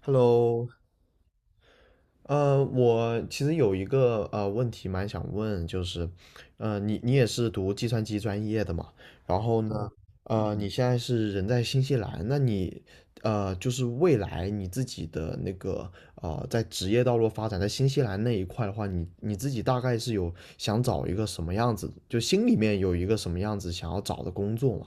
Hello，我其实有一个问题蛮想问，就是，你也是读计算机专业的嘛？然后呢，你现在是人在新西兰，那你就是未来你自己的那个在职业道路发展，在新西兰那一块的话，你自己大概是有想找一个什么样子，就心里面有一个什么样子想要找的工作嘛？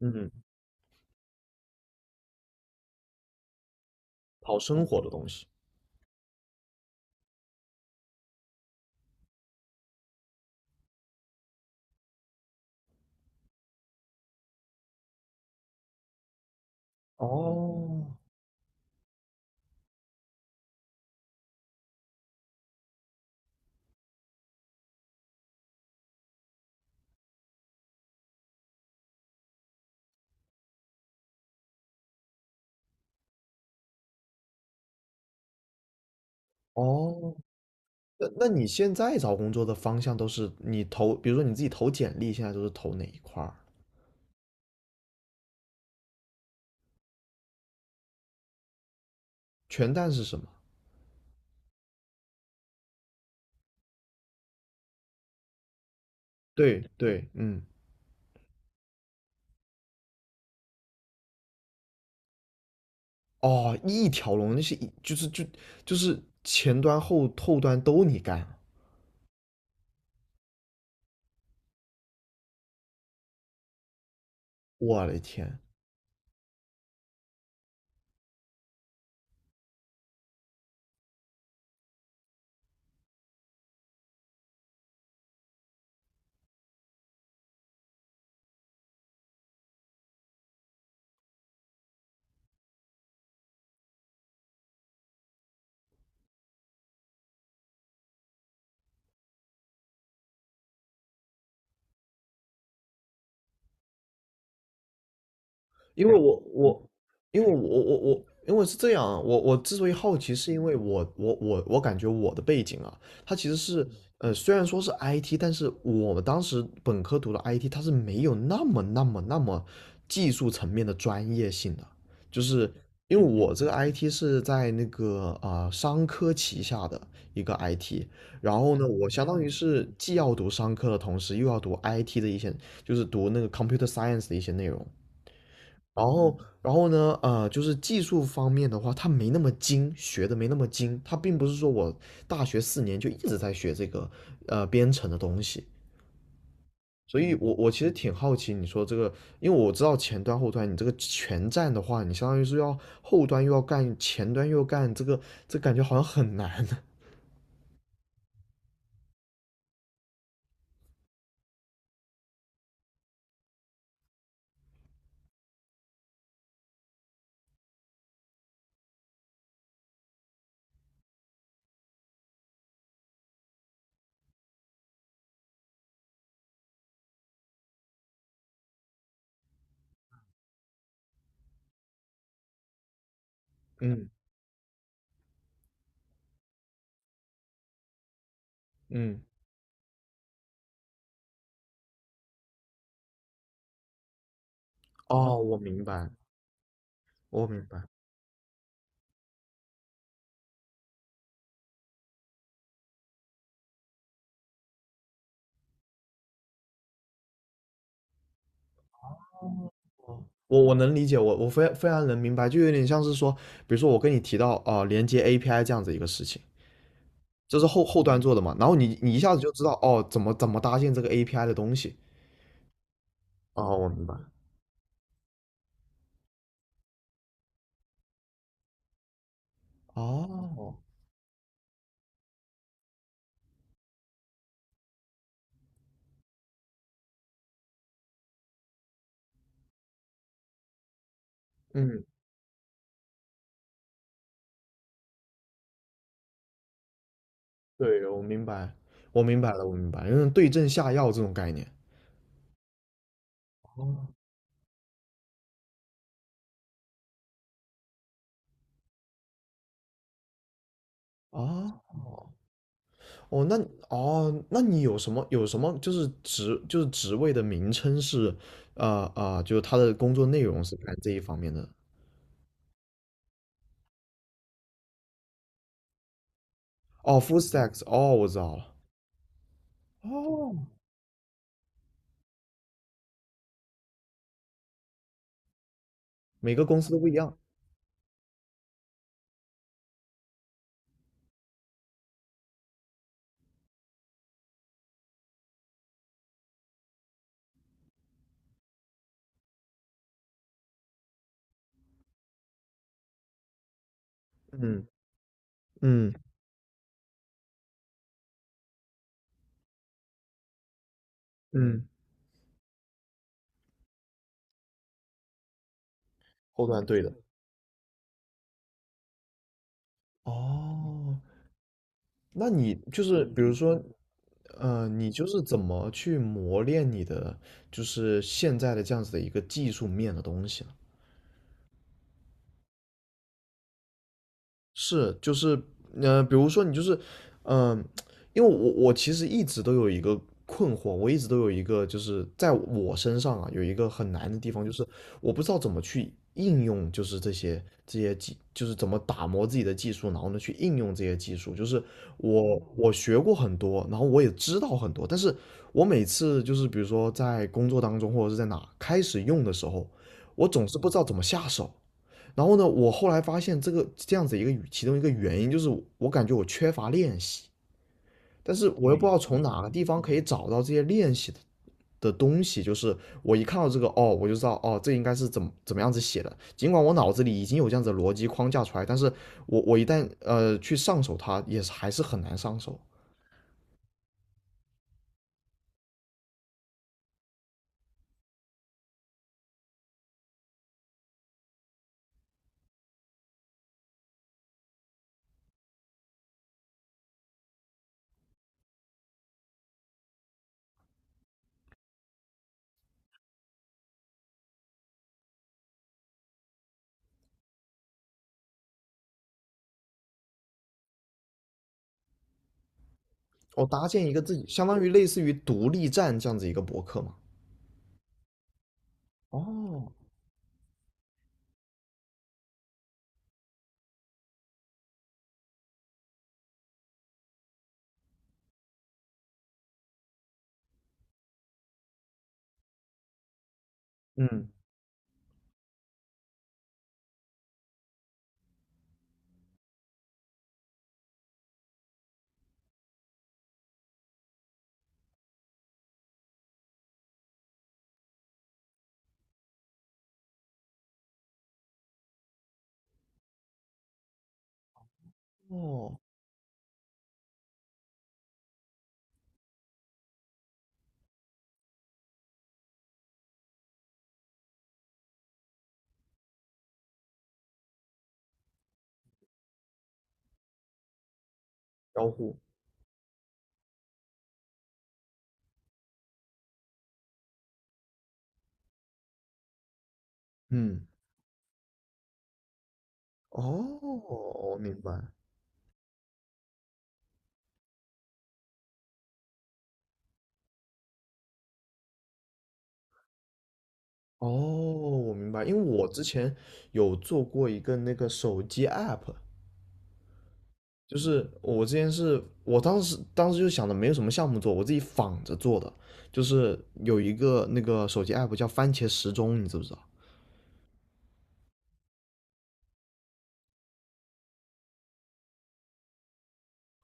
嗯，讨生活的东西。哦哦，那你现在找工作的方向都是你投，比如说你自己投简历，现在都是投哪一块儿？全栈是什么？对，嗯，哦，一条龙那是一就是就就是前端后端都你干，我的天，因为我我因为是这样啊，我之所以好奇，是因为我感觉我的背景啊，它其实是虽然说是 IT，但是我们当时本科读的 IT，它是没有那么技术层面的专业性的，就是因为我这个 IT 是在那个商科旗下的一个 IT，然后呢，我相当于是既要读商科的同时，又要读 IT 的一些，就是读那个 computer science 的一些内容。然后，然后呢，就是技术方面的话，他没那么精，学的没那么精。他并不是说我大学4年就一直在学这个编程的东西，所以我其实挺好奇你说这个，因为我知道前端后端，你这个全站的话，你相当于是要后端又要干，前端又要干，这感觉好像很难。嗯嗯，哦，我明白，我明白，我能理解，我非常能明白，就有点像是说，比如说我跟你提到连接 API 这样子一个事情。就是后端做的嘛。然后你一下子就知道哦，怎么搭建这个 API 的东西。哦，我明白。哦，嗯，对，我明白，我明白了，我明白，为对症下药这种概念。哦，啊，哦，那哦，那你有什么就是职就是职位的名称是，就是他的工作内容是干这一方面的。哦，full stacks，哦，我知道了。哦，每个公司都不一样。嗯嗯嗯，后端对的。哦，那你就是比如说，你就是怎么去磨练你的就是现在的这样子的一个技术面的东西是，就是，比如说你就是，嗯、因为我其实一直都有一个困惑，我一直都有一个就是在我身上啊有一个很难的地方，就是我不知道怎么去应用，就是这些这些技，就是怎么打磨自己的技术，然后呢去应用这些技术。就是我学过很多，然后我也知道很多，但是我每次就是比如说在工作当中或者是在哪开始用的时候，我总是不知道怎么下手。然后呢，我后来发现这个这样子一个其中一个原因就是我感觉我缺乏练习，但是我又不知道从哪个地方可以找到这些练习的东西，就是我一看到这个哦，我就知道哦，这应该是怎么样子写的。尽管我脑子里已经有这样子的逻辑框架出来，但是我一旦去上手它，也是还是很难上手。我搭建一个自己，相当于类似于独立站这样子一个博客嘛。哦，嗯，哦，交互，嗯，哦，我明白。哦，我明白，因为我之前有做过一个那个手机 app，就是我之前是我当时就想着没有什么项目做，我自己仿着做的，就是有一个那个手机 app 叫番茄时钟，你知不知道？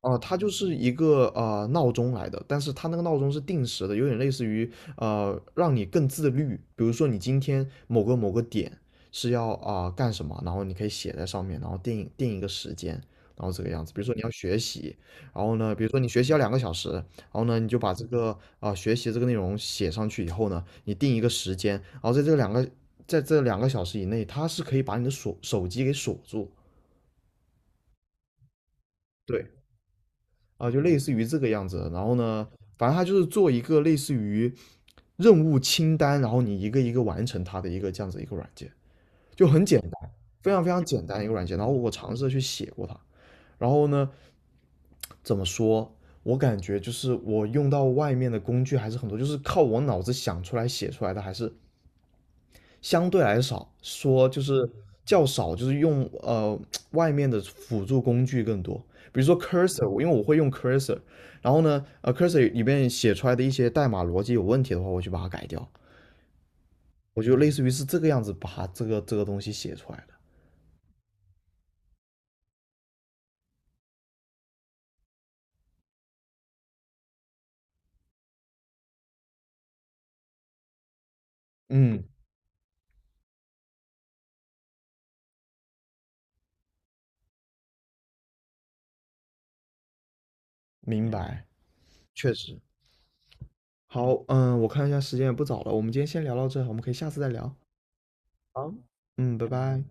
哦，它就是一个闹钟来的，但是它那个闹钟是定时的，有点类似于让你更自律。比如说你今天某个点是要干什么，然后你可以写在上面，然后定一个时间，然后这个样子。比如说你要学习，然后呢，比如说你学习要两个小时，然后呢你就把这个学习这个内容写上去以后呢，你定一个时间，然后在这两个小时以内，它是可以把你的锁手机给锁住。对，啊，就类似于这个样子。然后呢，反正它就是做一个类似于任务清单，然后你一个一个完成它的一个这样子一个软件，就很简单，非常非常简单一个软件。然后我尝试着去写过它，然后呢，怎么说？我感觉就是我用到外面的工具还是很多，就是靠我脑子想出来写出来的，还是相对来少，说就是较少，就是用外面的辅助工具更多，比如说 cursor，我因为我会用 cursor，然后呢，cursor 里面写出来的一些代码逻辑有问题的话，我就把它改掉，我就类似于是这个样子把它这个这个东西写出来的。嗯，明白，确实。好，嗯，我看一下时间也不早了，我们今天先聊到这，我们可以下次再聊。嗯，拜拜。